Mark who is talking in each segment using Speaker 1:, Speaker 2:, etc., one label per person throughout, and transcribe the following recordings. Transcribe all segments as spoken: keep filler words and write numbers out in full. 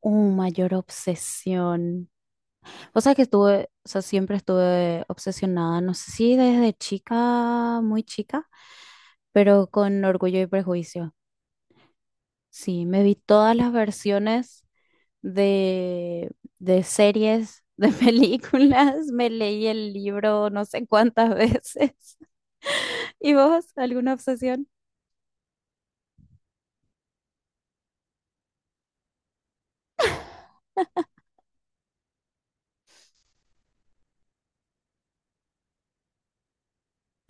Speaker 1: Uh, mayor obsesión. O sea que estuve, o sea, siempre estuve obsesionada, no sé si desde chica, muy chica, pero con Orgullo y Prejuicio. Sí, me vi todas las versiones de, de series, de películas, me leí el libro no sé cuántas veces. ¿Y vos, alguna obsesión?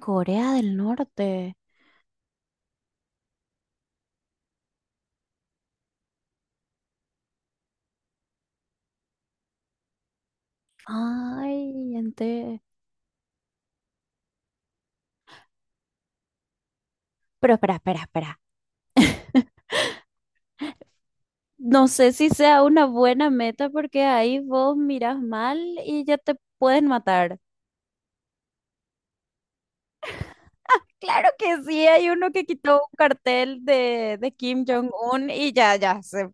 Speaker 1: Corea del Norte. Ay, ente- Pero espera, espera, espera. No sé si sea una buena meta porque ahí vos miras mal y ya te pueden matar. Claro que sí, hay uno que quitó un cartel de, de Kim Jong-un y ya, ya se...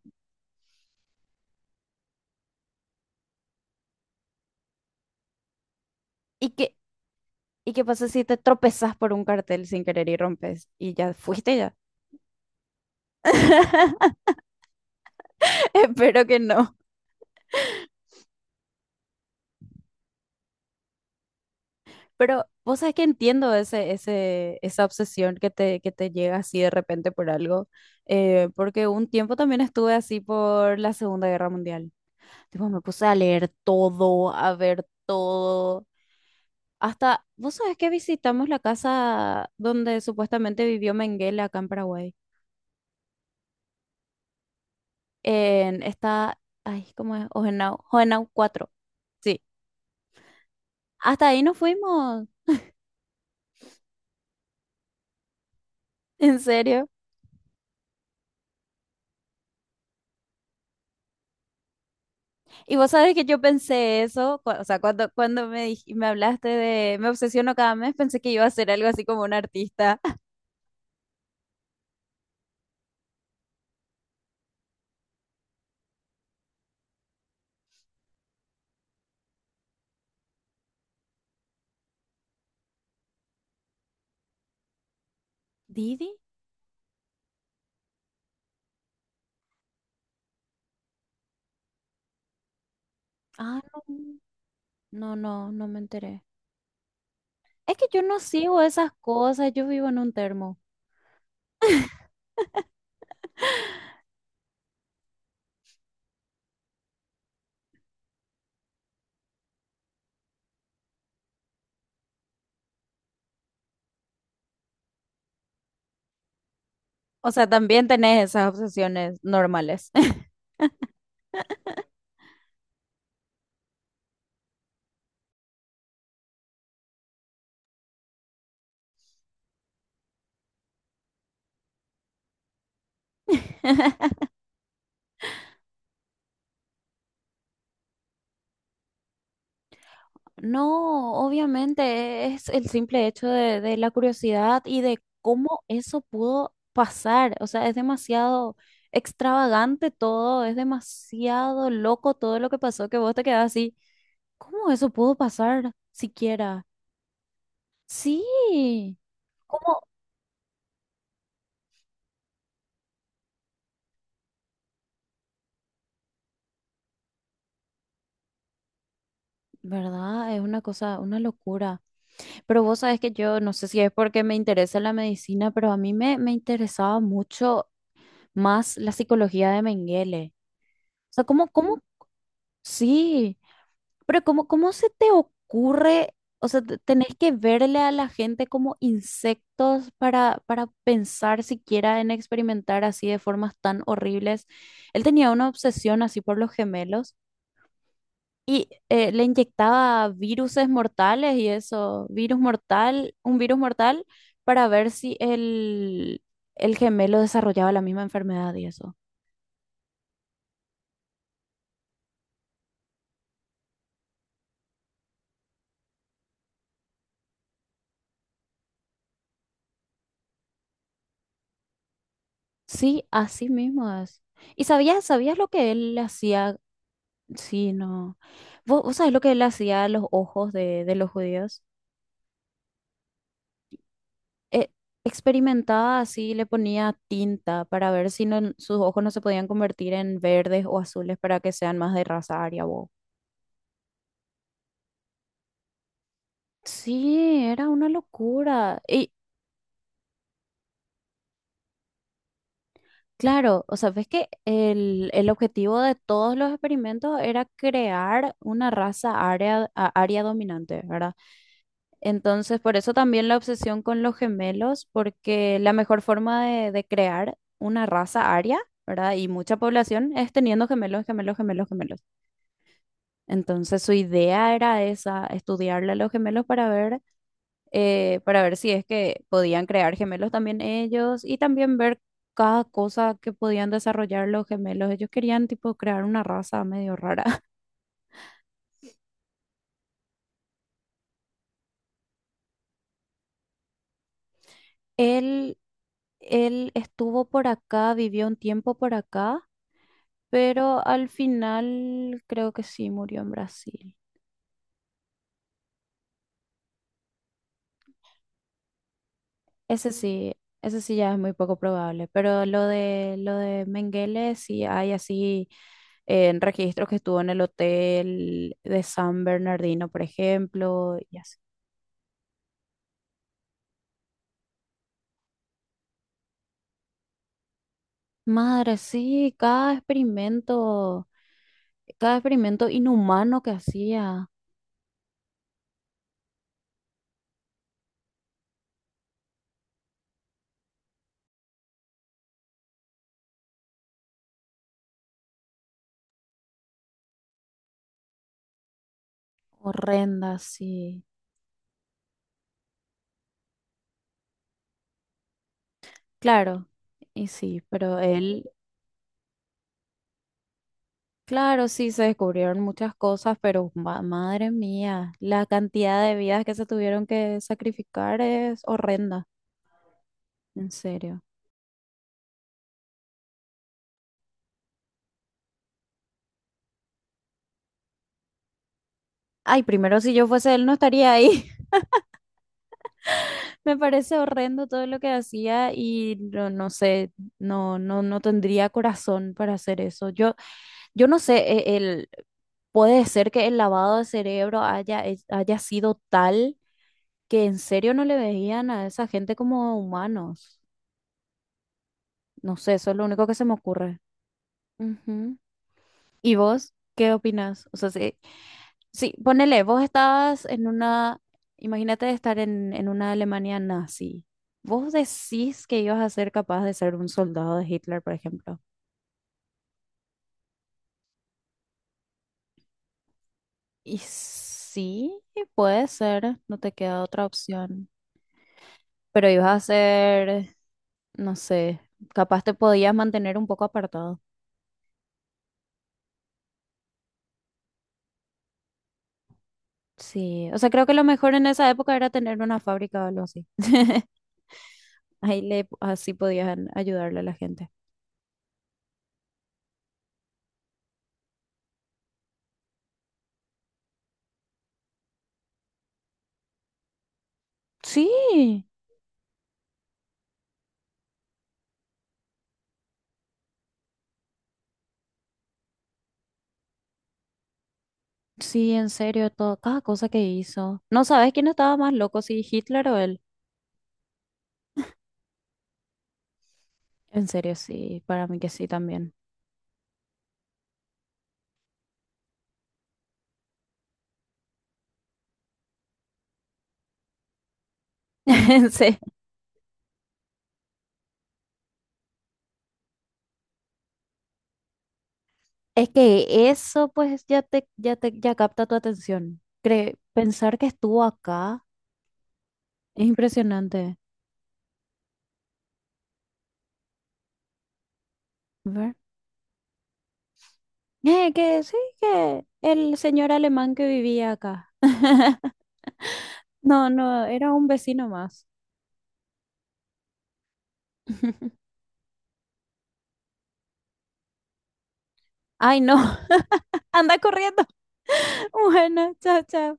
Speaker 1: ¿Y qué, y qué pasa si te tropezas por un cartel sin querer y rompes? Y ya fuiste ya. Espero que no. Pero vos sabés que entiendo ese, ese, esa obsesión que te, que te llega así de repente por algo, eh, porque un tiempo también estuve así por la Segunda Guerra Mundial. Tipo, me puse a leer todo, a ver todo. Hasta, vos sabés que visitamos la casa donde supuestamente vivió Mengele acá en Paraguay. En esta, ay, ¿cómo es? Ojenau, Ojenau cuatro. Sí. Hasta ahí nos fuimos. En serio. Y vos sabés que yo pensé eso, cu- o sea, cuando, cuando me, dij- me hablaste de: me obsesiono cada mes, pensé que iba a ser algo así como un artista. ¿Didi? Ah, no. No, no, no me enteré. Es que yo no sigo esas cosas, yo vivo en un termo. O sea, también tenés esas obsesiones normales. No, obviamente es el simple hecho de, de la curiosidad y de cómo eso pudo pasar. O sea, es demasiado extravagante todo, es demasiado loco todo lo que pasó que vos te quedás así. ¿Cómo eso pudo pasar siquiera? Sí, ¿cómo? ¿Verdad? Es una cosa, una locura. Pero vos sabés que yo, no sé si es porque me interesa la medicina, pero a mí me, me interesaba mucho más la psicología de Mengele. O sea, ¿cómo, cómo? Sí, pero ¿cómo, cómo se te ocurre? O sea, te- tenés que verle a la gente como insectos para, para pensar siquiera en experimentar así de formas tan horribles. Él tenía una obsesión así por los gemelos. Y eh, le inyectaba viruses mortales y eso, virus mortal, un virus mortal para ver si el, el gemelo desarrollaba la misma enfermedad y eso. Sí, así mismo es. ¿Y sabías, ¿sabías lo que él le hacía? Sí, no. ¿Vos, ¿vos sabés lo que él le hacía a los ojos de, de los judíos? Eh, Experimentaba así, le ponía tinta para ver si no- sus ojos no se podían convertir en verdes o azules para que sean más de raza aria. Sí, era una locura. Y claro, o sea, ves que el, el objetivo de todos los experimentos era crear una raza área, a- área dominante, ¿verdad? Entonces, por eso también la obsesión con los gemelos, porque la mejor forma de, de crear una raza área, ¿verdad? Y mucha población es teniendo gemelos, gemelos, gemelos, gemelos. Entonces, su idea era esa, estudiarle a los gemelos para ver eh, para ver si es que podían crear gemelos también ellos y también ver cada cosa que podían desarrollar los gemelos. Ellos querían tipo crear una raza medio rara. Él, él estuvo por acá, vivió un tiempo por acá, pero al final creo que sí murió en Brasil. Ese sí. Ese sí ya es muy poco probable, pero lo de lo de Mengele sí hay así en registros que estuvo en el hotel de San Bernardino, por ejemplo, y así. Madre, sí, cada experimento, cada experimento inhumano que hacía, horrenda, sí. Claro, y sí, pero él, claro, sí, se descubrieron muchas cosas, pero ma- madre mía, la cantidad de vidas que se tuvieron que sacrificar es horrenda, en serio. Ay, primero si yo fuese él no estaría ahí. Me parece horrendo todo lo que hacía y no, no sé, no, no, no tendría corazón para hacer eso. Yo, yo no sé, e- el, puede ser que el lavado de cerebro haya, es- haya sido tal que en serio no le veían a esa gente como humanos. No sé, eso es lo único que se me ocurre. Ujú. ¿Y vos qué opinas? O sea, sí, sí, ponele, vos estabas en una, imagínate estar en, en una Alemania nazi. ¿Vos decís que ibas a ser capaz de ser un soldado de Hitler, por ejemplo? Y sí, puede ser, no te queda otra opción. Pero ibas a ser, no sé, capaz te podías mantener un poco apartado. Sí, o sea, creo que lo mejor en esa época era tener una fábrica o algo así. Ahí le, así podías ayudarle a la gente. Sí, sí, en serio, todo, cada cosa que hizo. ¿No sabes quién estaba más loco, si Hitler o él? En serio, sí, para mí que sí también. Sí. Es que eso pues ya te, ya te, ya capta tu atención. Cre- pensar que estuvo acá es impresionante. ¿Ver? Eh, que sí, que el señor alemán que vivía acá. No, no, era un vecino más. Ay, no, anda corriendo. Bueno, chao, chao.